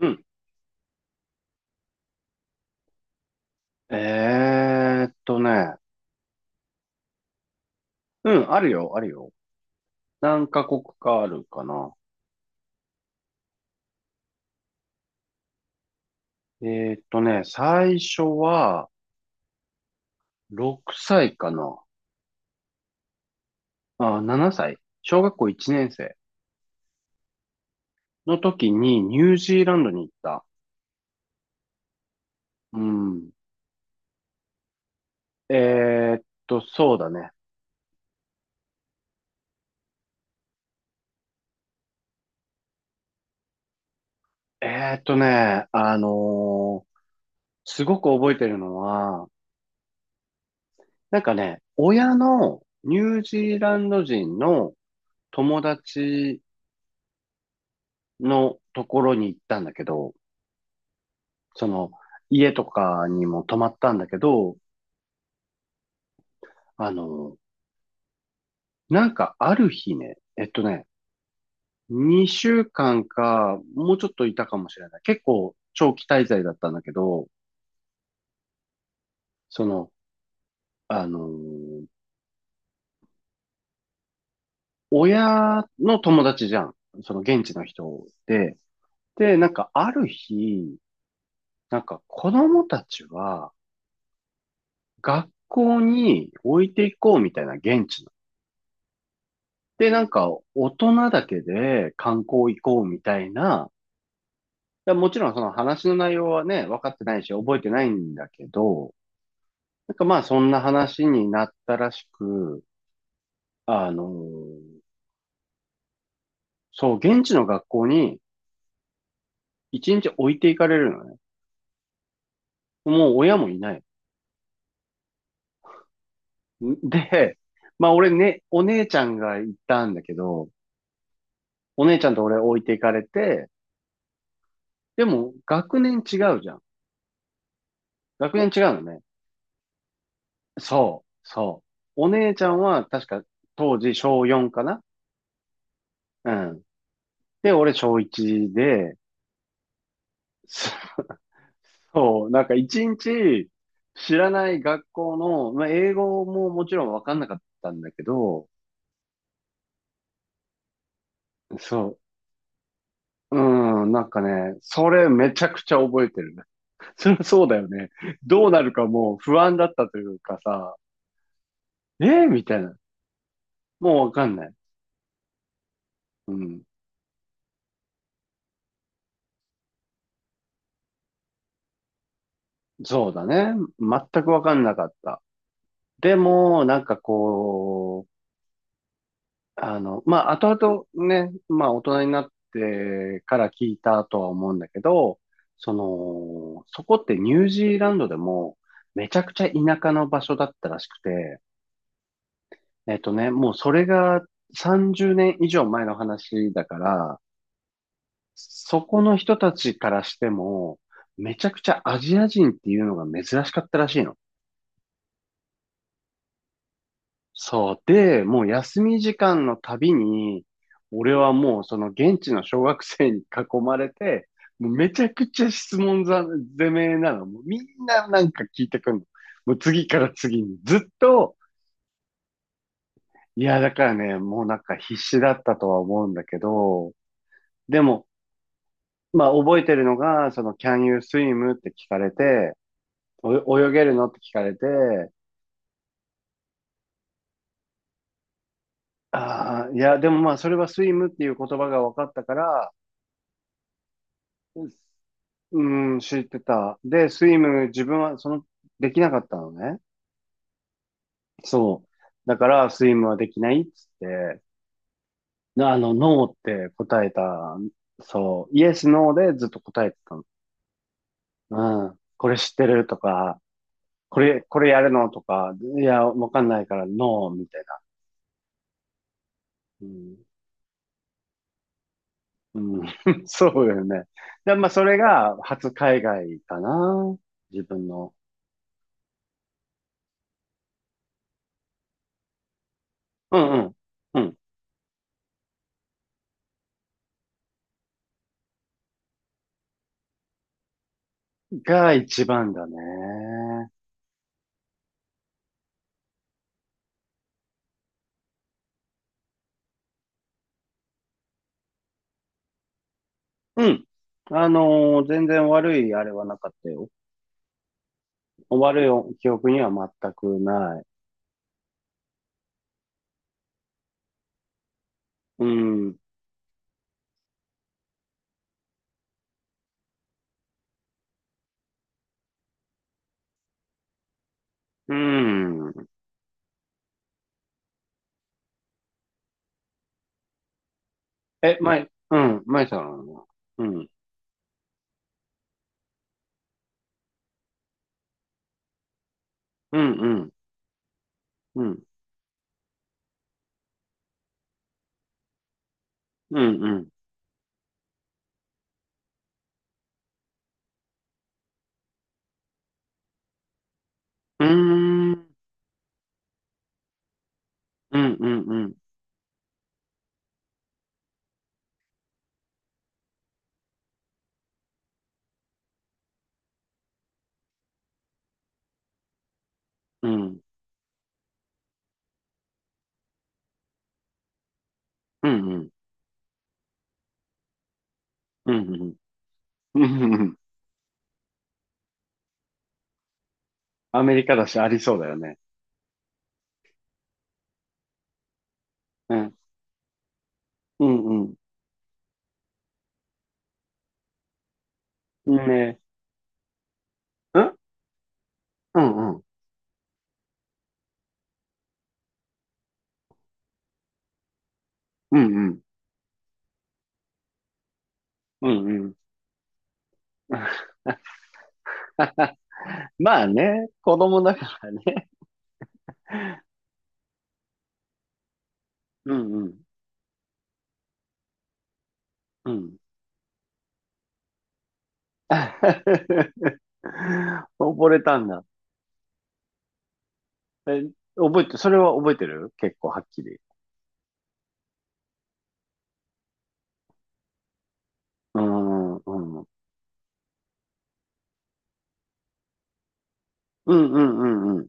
うん。えーっとね。うん、あるよ、あるよ。何カ国かあるかな。え最初は6歳かな。あ、7歳。小学校1年生の時にニュージーランドに行った。うん。えーっそうだね。えーっとね、あのーすごく覚えてるのは、なんかね、親のニュージーランド人の友達のところに行ったんだけど、その、家とかにも泊まったんだけど、あの、なんかある日ね、2週間かんか、もうちょっといたかもしれない。結構長期滞在だったんだけど、その、あのー親の友達じゃん。その現地の人で。で、なんかある日、なんか子供たちは学校に置いていこうみたいな現地の。で、なんか大人だけで観光行こうみたいなやもちろんその話の内容はね、分かってないし、覚えてないんだけど、なんかまあそんな話になったらしく、あのーそう、現地の学校に一日置いていかれるのね。もう親もいない。で、まあ俺ね、お姉ちゃんが行ったんだけど、お姉ちゃんと俺置いていかれて、でも学年違うじゃん。学年違うのね。そう、そう。お姉ちゃんは確か当時小4かな。うん。で、俺小1で、そう、なんか一日知らない学校の、まあ、英語ももちろんわかんなかったんだけど、そう、うん、なんかね、それめちゃくちゃ覚えてる。それはそうだよね。どうなるかもう不安だったというかさ、えー、みたいな。もうわかんない。うん。そうだね。全くわかんなかった。でも、なんかこう、まあ、後々ね、まあ、大人になってから聞いたとは思うんだけど、その、そこってニュージーランドでも、めちゃくちゃ田舎の場所だったらしくて、もうそれが30年以上前の話だから、そこの人たちからしても、めちゃくちゃアジア人っていうのが珍しかったらしいの。そう。で、もう休み時間のたびに、俺はもうその現地の小学生に囲まれて、もうめちゃくちゃ質問攻めなの。もうみんななんか聞いてくんの。もう次から次に。ずっと、いや、だからね、もうなんか必死だったとは思うんだけど、でも、まあ覚えてるのが、その Can you swim? って聞かれて、お泳げるのって聞かれて、ああ、いや、でもまあそれはスイムっていう言葉が分かったから、うん、知ってた。で、スイム、自分は、その、できなかったのね。そう。だから、スイムはできないっつって、ノーって答えた。そう。イエス、ノーでずっと答えてたの。うん。これ知ってるとか、これやるのとか、いや、わかんないから、ノーみたいな。うん。うん、そうだよね。で、まあ、それが、初海外かな。自分の。うんうん。うん。が一番だね。うん。全然悪いあれはなかったよ。悪い記憶には全くない。うん。うん。まいさんは。うん。うん、うん、うん、うん、うん。うーん、うん、うん、うん、うん、うん、うん、うん、うん、うん、うん。アメリカだし、ありそうだよね。うん、うん、うん。ね、うん、うん、うん、うん、うん、うん、うん まあね、子供だからね。うん、うん、うん。溺れたんだ。え、覚えて、それは覚えてる結構はっきり。うーん、うん。うん、うん、うん、うん。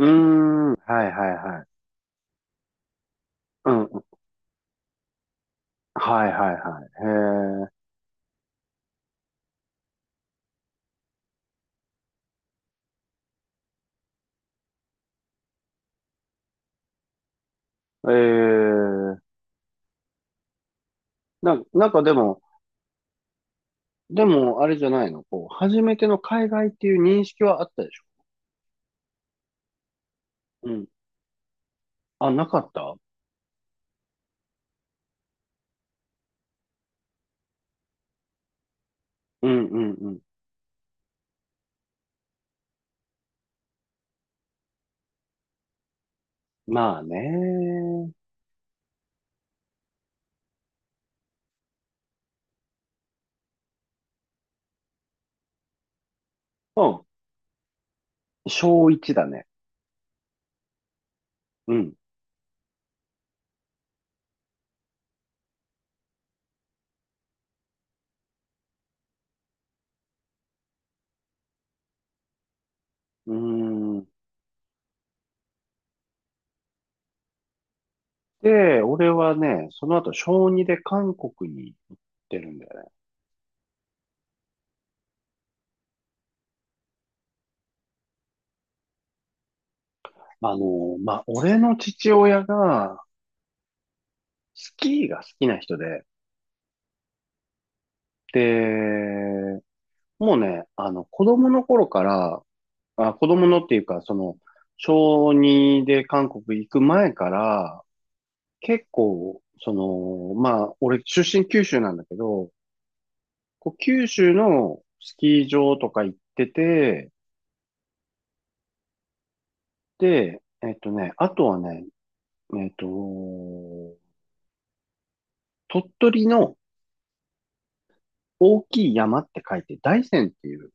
うーん、はい、はい、はい。うん、はい、はい、はい。へえ。ええ。なんかでも、あれじゃないのこう、初めての海外っていう認識はあったでしょ？うん。あ、なかった。うん、うん、うん。まあね。うん。小一だね。うん。うーん。で、俺はね、その後、小2で韓国に行ってるんだよね。まあ、俺の父親が、スキーが好きな人で、で、もうね、子供の頃から、あ、子供のっていうか、その、小2で韓国行く前から、結構、その、まあ、俺出身九州なんだけど、こう九州のスキー場とか行ってて、で、あとはね、えっと、鳥取の大きい山って書いて大山っていう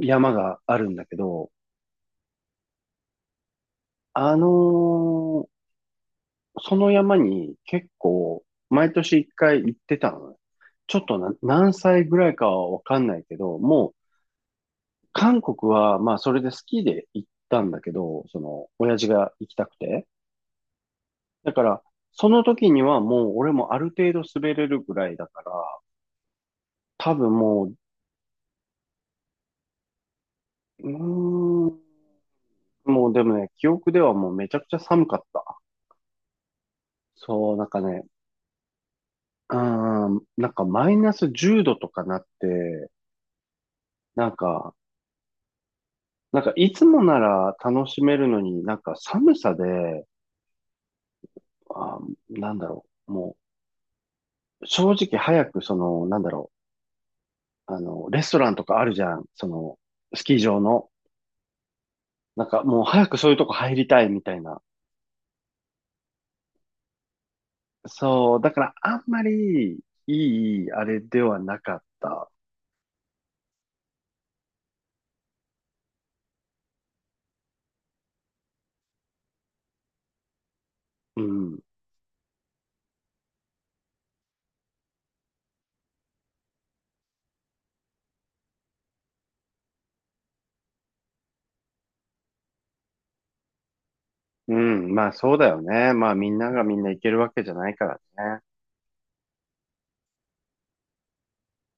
山があるんだけど、あのーその山に結構毎年一回行ってたのね。ちょっとな何歳ぐらいかはわかんないけど、もう韓国はまあそれでスキーで行ったんだけど、その親父が行きたくて。だからその時にはもう俺もある程度滑れるぐらいだから、多分もう、うーん、もうでもね、記憶ではもうめちゃくちゃ寒かった。そう、なんかね、うん、なんかマイナス10度とかなって、なんか、なんかいつもなら楽しめるのになんか寒さで、あ、なんだろう、もう正直早くその、なんだろう、レストランとかあるじゃん、その、スキー場の。なんかもう早くそういうとこ入りたいみたいな。そう、だからあんまりいい、あれではなかった。うん。うん、まあそうだよね。まあみんながみんな行けるわけじゃないからね。